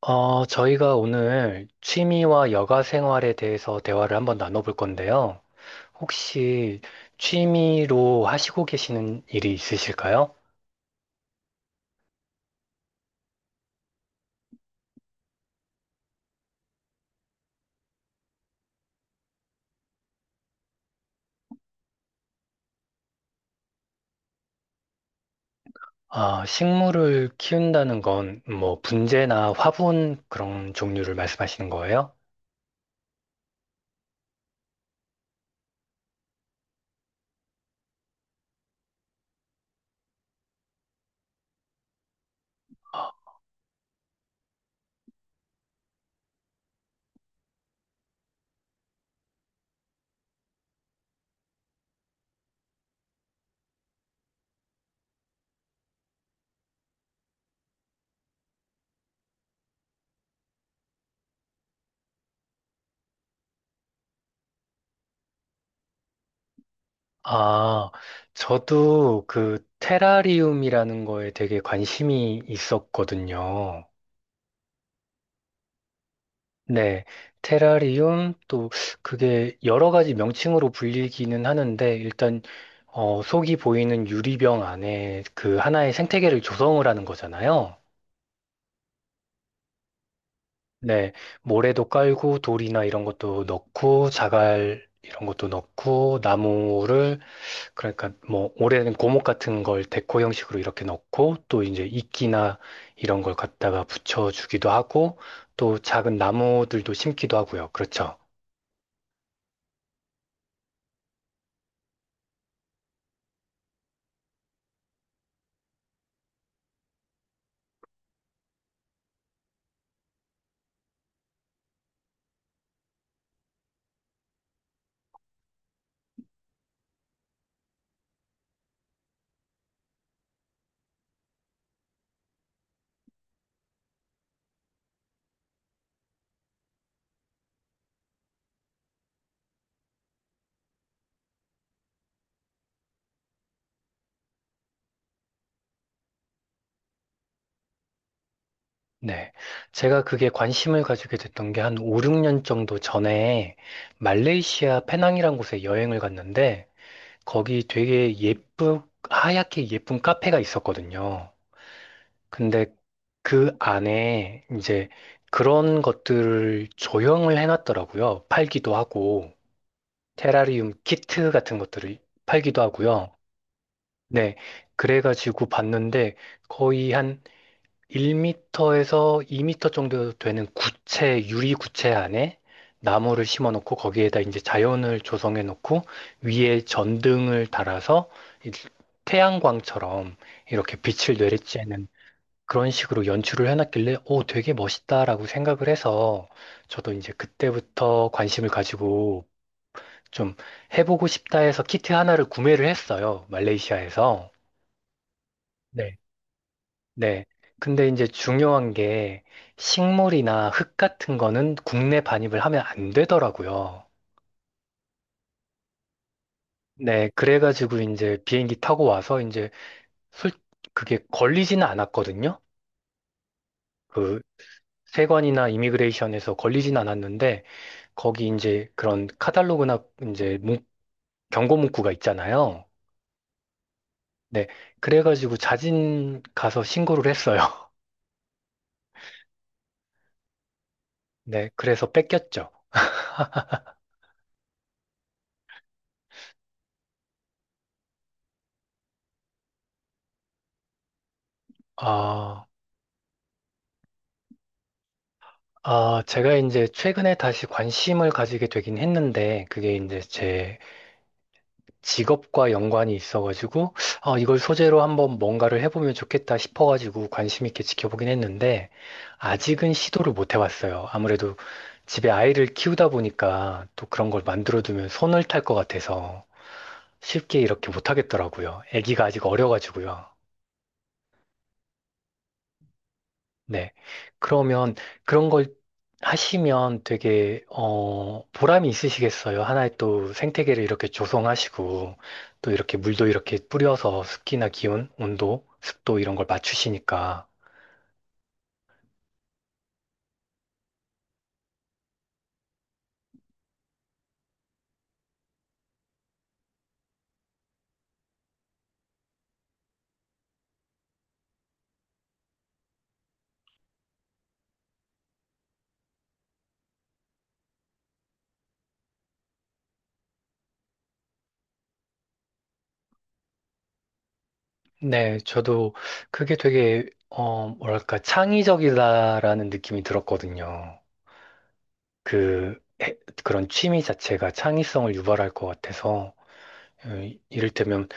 저희가 오늘 취미와 여가 생활에 대해서 대화를 한번 나눠볼 건데요. 혹시 취미로 하시고 계시는 일이 있으실까요? 아, 식물을 키운다는 건 뭐 분재나 화분 그런 종류를 말씀하시는 거예요? 아, 저도 그 테라리움이라는 거에 되게 관심이 있었거든요. 네, 테라리움 또 그게 여러 가지 명칭으로 불리기는 하는데 일단 속이 보이는 유리병 안에 그 하나의 생태계를 조성을 하는 거잖아요. 네, 모래도 깔고 돌이나 이런 것도 넣고 자갈 이런 것도 넣고 나무를 그러니까 뭐 오래된 고목 같은 걸 데코 형식으로 이렇게 넣고 또 이제 이끼나 이런 걸 갖다가 붙여주기도 하고 또 작은 나무들도 심기도 하고요. 그렇죠. 네. 제가 그게 관심을 가지게 됐던 게 한 5, 6년 정도 전에 말레이시아 페낭이란 곳에 여행을 갔는데 거기 되게 하얗게 예쁜 카페가 있었거든요. 근데 그 안에 이제 그런 것들을 조형을 해놨더라고요. 팔기도 하고, 테라리움 키트 같은 것들을 팔기도 하고요. 네. 그래가지고 봤는데 거의 한 1m에서 2m 정도 되는 구체, 유리 구체 안에 나무를 심어 놓고 거기에다 이제 자연을 조성해 놓고 위에 전등을 달아서 이 태양광처럼 이렇게 빛을 내리쬐는 그런 식으로 연출을 해놨길래 오, 되게 멋있다라고 생각을 해서 저도 이제 그때부터 관심을 가지고 좀 해보고 싶다 해서 키트 하나를 구매를 했어요. 말레이시아에서. 네. 근데 이제 중요한 게 식물이나 흙 같은 거는 국내 반입을 하면 안 되더라고요. 네. 그래가지고 이제 비행기 타고 와서 이제 솔, 그게 걸리지는 않았거든요. 그 세관이나 이미그레이션에서 걸리진 않았는데 거기 이제 그런 카탈로그나 이제 경고 문구가 있잖아요. 네. 그래가지고 자진 가서 신고를 했어요. 네. 그래서 뺏겼죠. 아. 아, 제가 이제 최근에 다시 관심을 가지게 되긴 했는데, 그게 이제 제 직업과 연관이 있어가지고, 아, 이걸 소재로 한번 뭔가를 해보면 좋겠다 싶어가지고 관심 있게 지켜보긴 했는데, 아직은 시도를 못 해봤어요. 아무래도 집에 아이를 키우다 보니까 또 그런 걸 만들어두면 손을 탈 것 같아서 쉽게 이렇게 못 하겠더라고요. 아기가 아직 어려가지고요. 네. 그러면 그런 걸 하시면 되게, 보람이 있으시겠어요. 하나의 또 생태계를 이렇게 조성하시고, 또 이렇게 물도 이렇게 뿌려서 습기나 기온, 온도, 습도 이런 걸 맞추시니까. 네, 저도 그게 되게, 뭐랄까, 창의적이다라는 느낌이 들었거든요. 그, 해- 그런 취미 자체가 창의성을 유발할 것 같아서, 어, 이를테면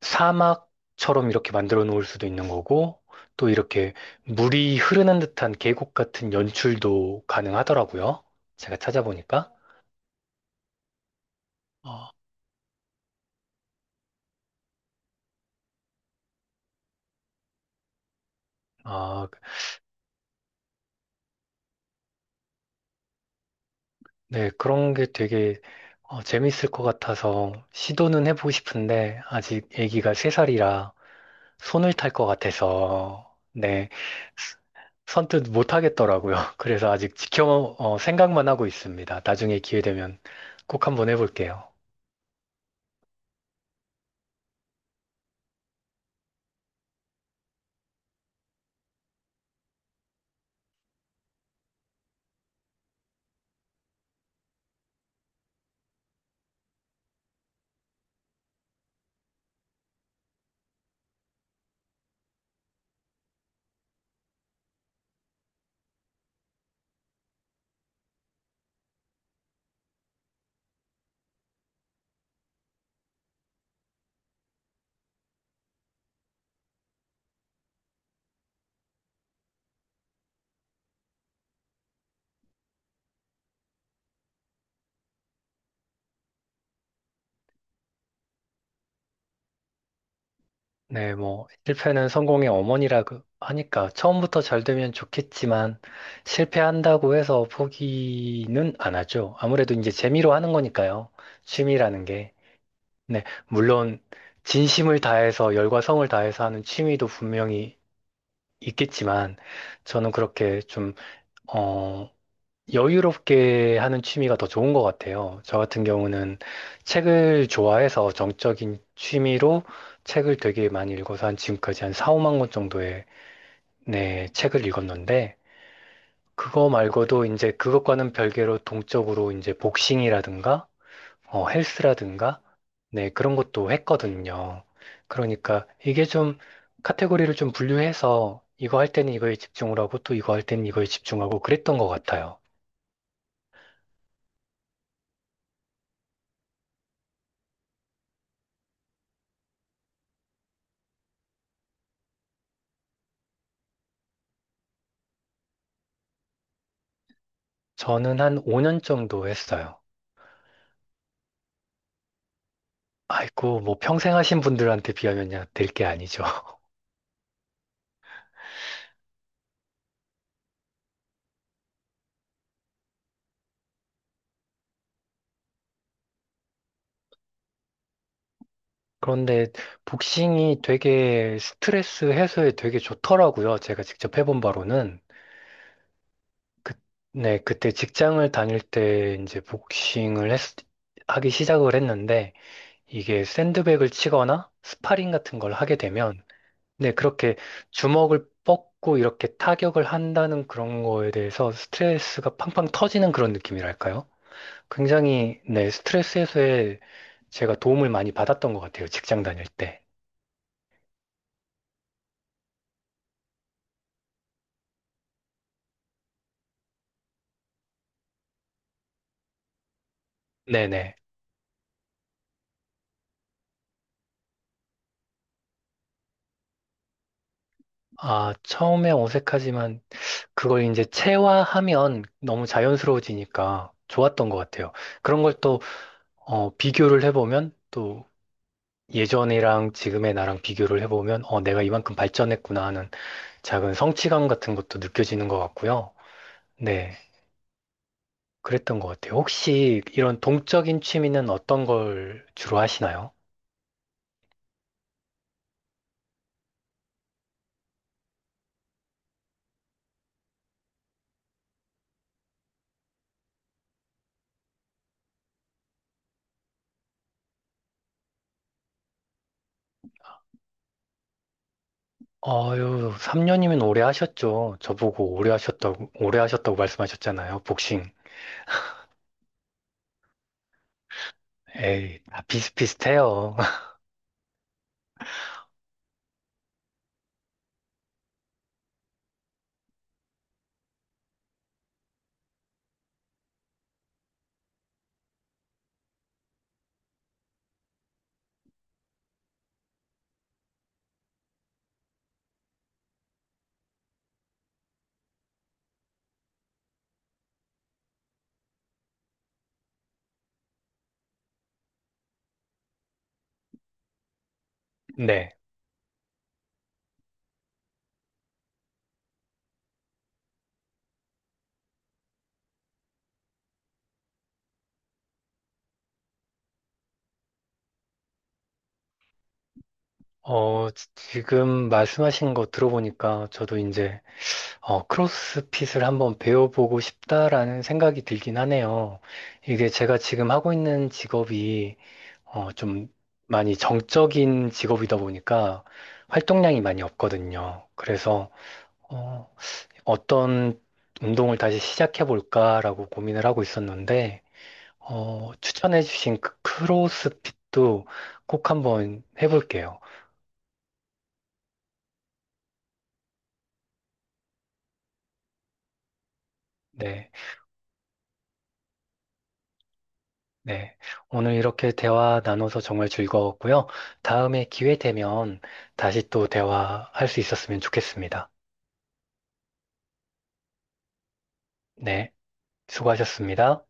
사막처럼 이렇게 만들어 놓을 수도 있는 거고, 또 이렇게 물이 흐르는 듯한 계곡 같은 연출도 가능하더라고요. 제가 찾아보니까. 어, 아, 네, 그런 게 되게 재밌을 것 같아서 시도는 해보고 싶은데, 아직 아기가 세살이라 손을 탈 것 같아서, 네, 선뜻 못 하겠더라고요. 그래서 아직 생각만 하고 있습니다. 나중에 기회 되면 꼭 한번 해볼게요. 네, 뭐, 실패는 성공의 어머니라 하니까 처음부터 잘 되면 좋겠지만 실패한다고 해서 포기는 안 하죠. 아무래도 이제 재미로 하는 거니까요. 취미라는 게. 네, 물론 진심을 다해서 열과 성을 다해서 하는 취미도 분명히 있겠지만 저는 그렇게 좀, 어, 여유롭게 하는 취미가 더 좋은 것 같아요. 저 같은 경우는 책을 좋아해서 정적인 취미로 책을 되게 많이 읽어서 한 지금까지 한 4, 5만 권 정도의 네, 책을 읽었는데 그거 말고도 이제 그것과는 별개로 동적으로 이제 복싱이라든가 헬스라든가 네, 그런 것도 했거든요. 그러니까 이게 좀 카테고리를 좀 분류해서 이거 할 때는 이거에 집중을 하고 또 이거 할 때는 이거에 집중하고 그랬던 것 같아요. 저는 한 5년 정도 했어요. 아이고, 뭐 평생 하신 분들한테 비하면야 될 게 아니죠. 그런데 복싱이 되게 스트레스 해소에 되게 좋더라고요. 제가 직접 해본 바로는. 그, 네, 그때 직장을 다닐 때 이제 하기 시작을 했는데 이게 샌드백을 치거나 스파링 같은 걸 하게 되면 네, 그렇게 주먹을 뻗고 이렇게 타격을 한다는 그런 거에 대해서 스트레스가 팡팡 터지는 그런 느낌이랄까요? 굉장히 네, 스트레스 해소에 제가 도움을 많이 받았던 것 같아요. 직장 다닐 때. 네네. 아, 처음에 어색하지만 그걸 이제 체화하면 너무 자연스러워지니까 좋았던 것 같아요. 그런 걸 또, 비교를 해보면 또 예전이랑 지금의 나랑 비교를 해보면 내가 이만큼 발전했구나 하는 작은 성취감 같은 것도 느껴지는 것 같고요. 네. 그랬던 것 같아요. 혹시 이런 동적인 취미는 어떤 걸 주로 하시나요? 아유, 3년이면 오래 하셨죠. 저보고 오래 하셨다고, 오래 하셨다고 말씀하셨잖아요. 복싱. 에이, 다 비슷비슷해요. 네. 지금 말씀하신 거 들어보니까 저도 이제, 크로스핏을 한번 배워보고 싶다라는 생각이 들긴 하네요. 이게 제가 지금 하고 있는 직업이, 좀 많이 정적인 직업이다 보니까 활동량이 많이 없거든요. 그래서, 어, 어떤 운동을 다시 시작해 볼까라고 고민을 하고 있었는데, 추천해 주신 그 크로스핏도 꼭 한번 해볼게요. 네, 네. 오늘 이렇게 대화 나눠서 정말 즐거웠고요. 다음에 기회 되면 다시 또 대화할 수 있었으면 좋겠습니다. 네, 수고하셨습니다.